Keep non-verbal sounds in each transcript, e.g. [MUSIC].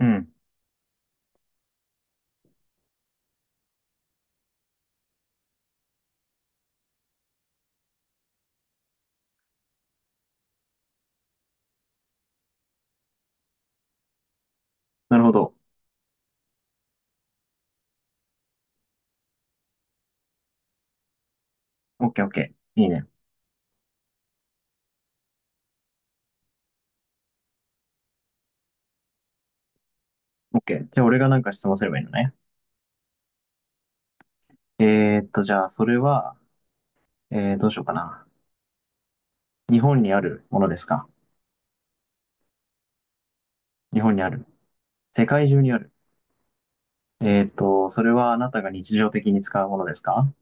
うん。なるほど。オッケーオッケー。いいね。オッケー。じゃあ俺がなんか質問すればいいのね。じゃあそれは、どうしようかな。日本にあるものですか？日本にある。世界中にある。それはあなたが日常的に使うものですか？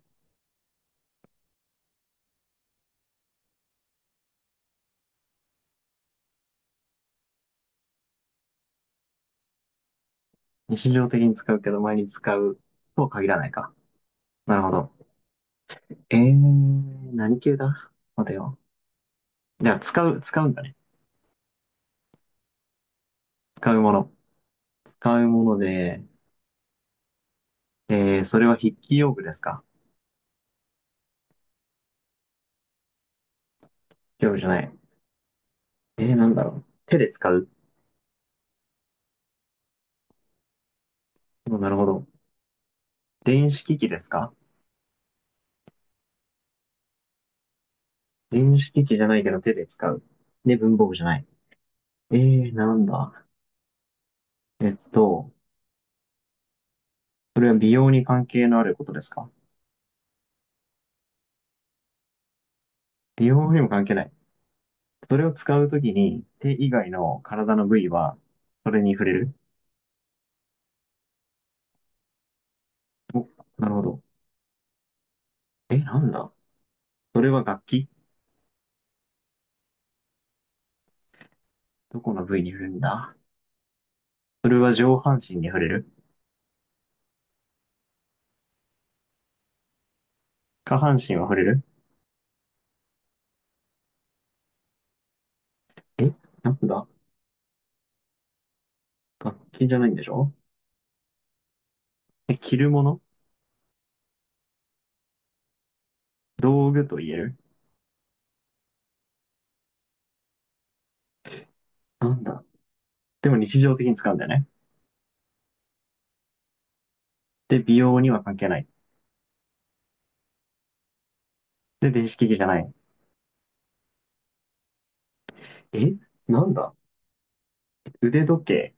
日常的に使うけど毎日使うとは限らないか。なるほど。何系だ？待てよ。じゃあ使うんだね。使うもの。使うもので、それは筆記用具ですか？用具じゃない。なんだろう。手で使う？うん。なるほど。電子機器ですか？電子機器じゃないけど手で使う。で、文房具じゃない。なんだ。えっと、それは美容に関係のあることですか？美容にも関係ない。それを使うときに手以外の体の部位はそれに触れる？なるほど。え、なんだ。それは楽器？どこの部位に触れるんだ？それは上半身に触れる？下半身は触れる？え、なんだ。楽器じゃないんでしょ？え、着るもの？道具と言える？なんだ。でも日常的に使うんだよね。で、美容には関係ない。で、電子機器じゃない。え、なんだ？腕時計？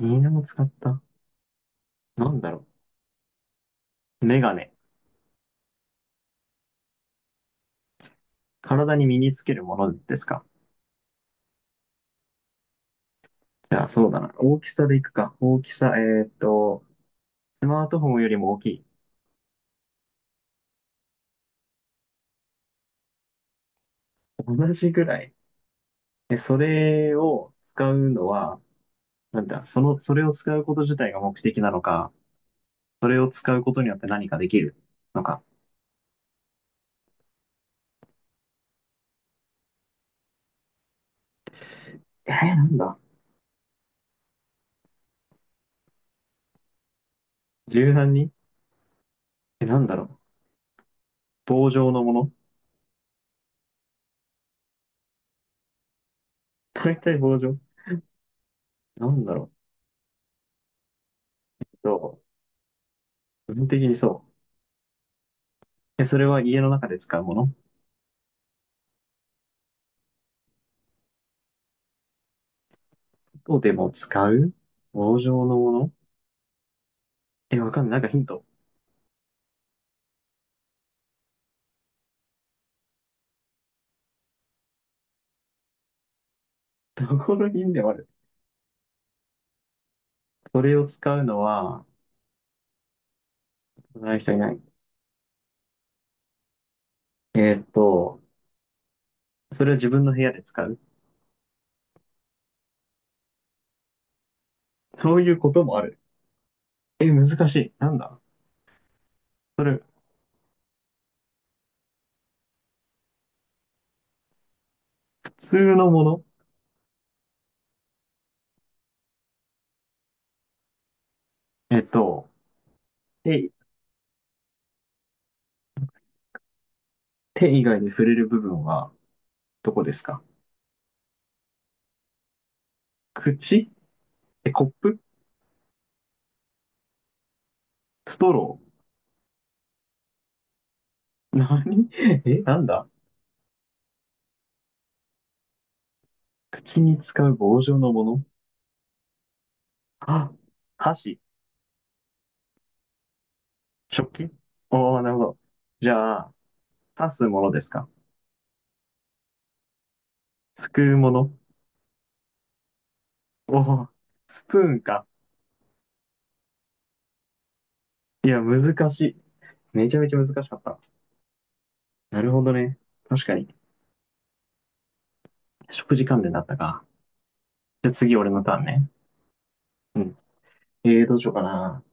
犬も使った？なんだろう、メガネ。体に身につけるものですか？じゃあ、そうだな。大きさでいくか。大きさ、スマートフォンよりも大きい。同じぐらい。で、それを使うのは、なんだ、その、それを使うこと自体が目的なのか、それを使うことによって何かできるのか。なんだ？柔軟に。え、なんだろう？棒状のもの？大体棒状？なんだろ？そう。基本的にそう。で、それは家の中で使うもの？外でも使う？棒状のもの。え、わかんない。なんかヒント。どこのヒントもある。それを使うのは、使う人いない。えーっと、それは自分の部屋で使う。そういうこともある。え、難しい。なんだ？それ、普通のもの？えーっと、手、手以外で触れる部分は、どこですか？口。え、コップ？ストロー？何？ [LAUGHS] え、なんだ？口に使う棒状のもの？あ、[GASPS] 箸。食器？おー、なるほど。じゃあ、刺すものですか？すくうもの？おー、スプーンか。いや、難しい。めちゃめちゃ難しかった。なるほどね。確かに。食事関連だったか。じゃあ次、俺のターンね。うん。どうしようかな。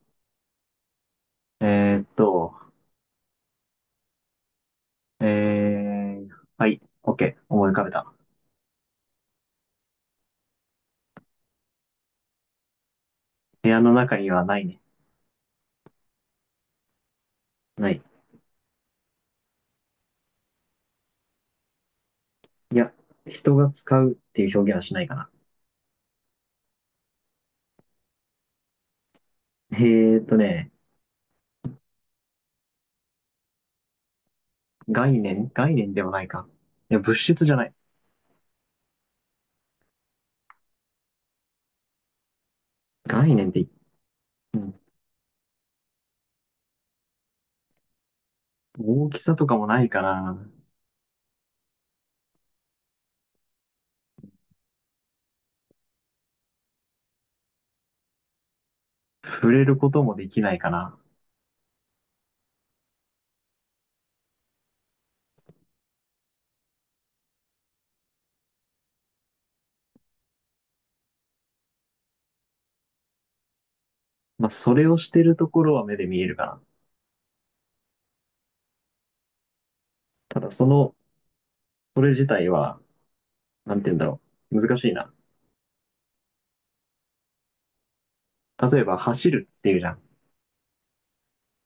えーっと、えー、はい。OK。思い浮かべた。部屋の中にはないね。ない。いや、人が使うっていう表現はしないかな。えーっとね、概念でもないか。いや、物質じゃない。概念って。うん。大きさとかもないかな。触れることもできないかな。まあ、それをしてるところは目で見えるかな。ただ、その、それ自体は、なんて言うんだろう。難しいな。例えば、走るっていうじゃん。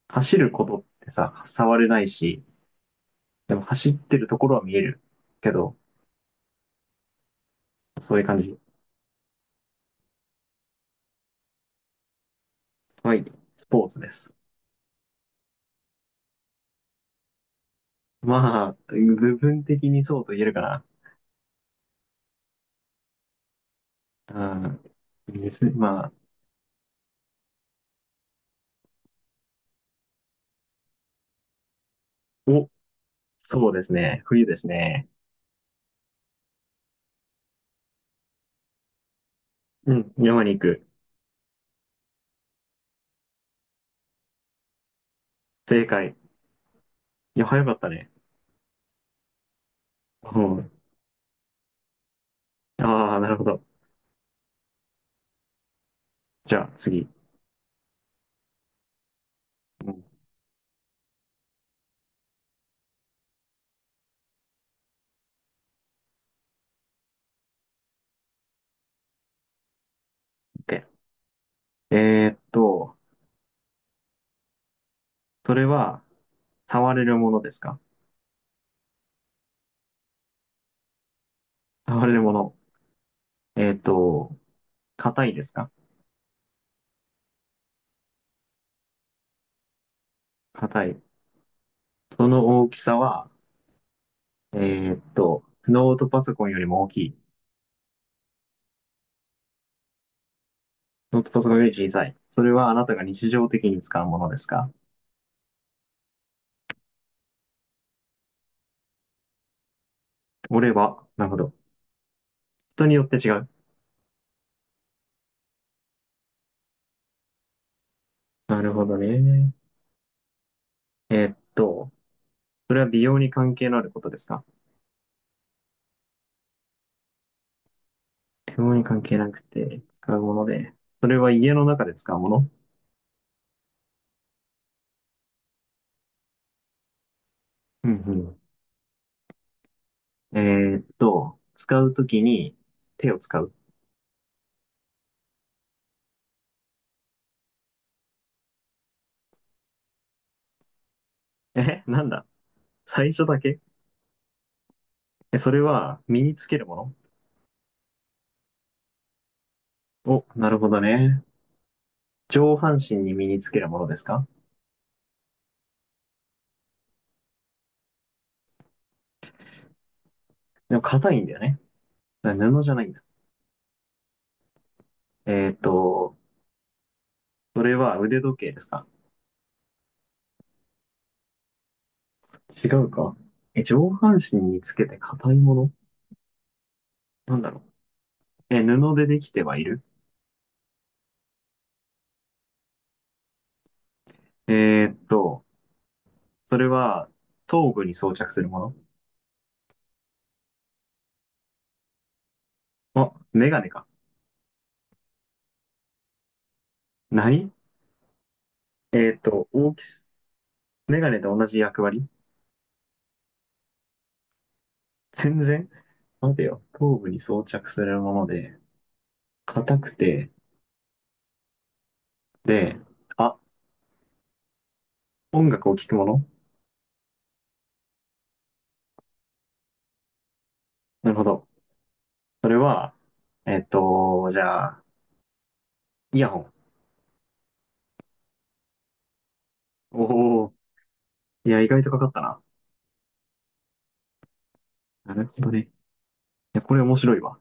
走ることってさ、触れないし、でも走ってるところは見えるけど、そういう感じ。はい。スポーツです。まあ、部分的にそうと言えるかな。うん。ですね。まあ、お、そうですね。冬ですね。うん、山に行く。正解。いや、早かったね。うん。ああ、なるほど。じゃあ、次。うん。OK。 えーっと、それは、触れるものですか？触れるもの。えーっと、硬いですか？硬い。その大きさは、ノートパソコンよりも大きい。ノートパソコンより小さい。それはあなたが日常的に使うものですか？俺は、なるほど。人によって違う。なるほどね。えーっと、それは美容に関係のあることですか？美容に関係なくて使うもので、それは家の中で使うもの？うん、うん。使うときに手を使う。え、なんだ？最初だけ？え、それは身につけるもの？お、なるほどね。上半身に身につけるものですか？でも硬いんだよね。布じゃないんだ。えーっと、それは腕時計ですか？違うか。え、上半身につけて硬いもの。なんだろう。え、布でできてはいる？えーっと、それは頭部に装着するもの？あ、メガネか。ない。えーっと、大きメガネと同じ役割？ [LAUGHS] 全然。待てよ。頭部に装着するもので、硬くて、で、あ、音楽を聴くもの？なるほど。それは、じゃあ、イヤホン。おお、いや、意外とかかったな。なるほどね。いや、これ面白いわ。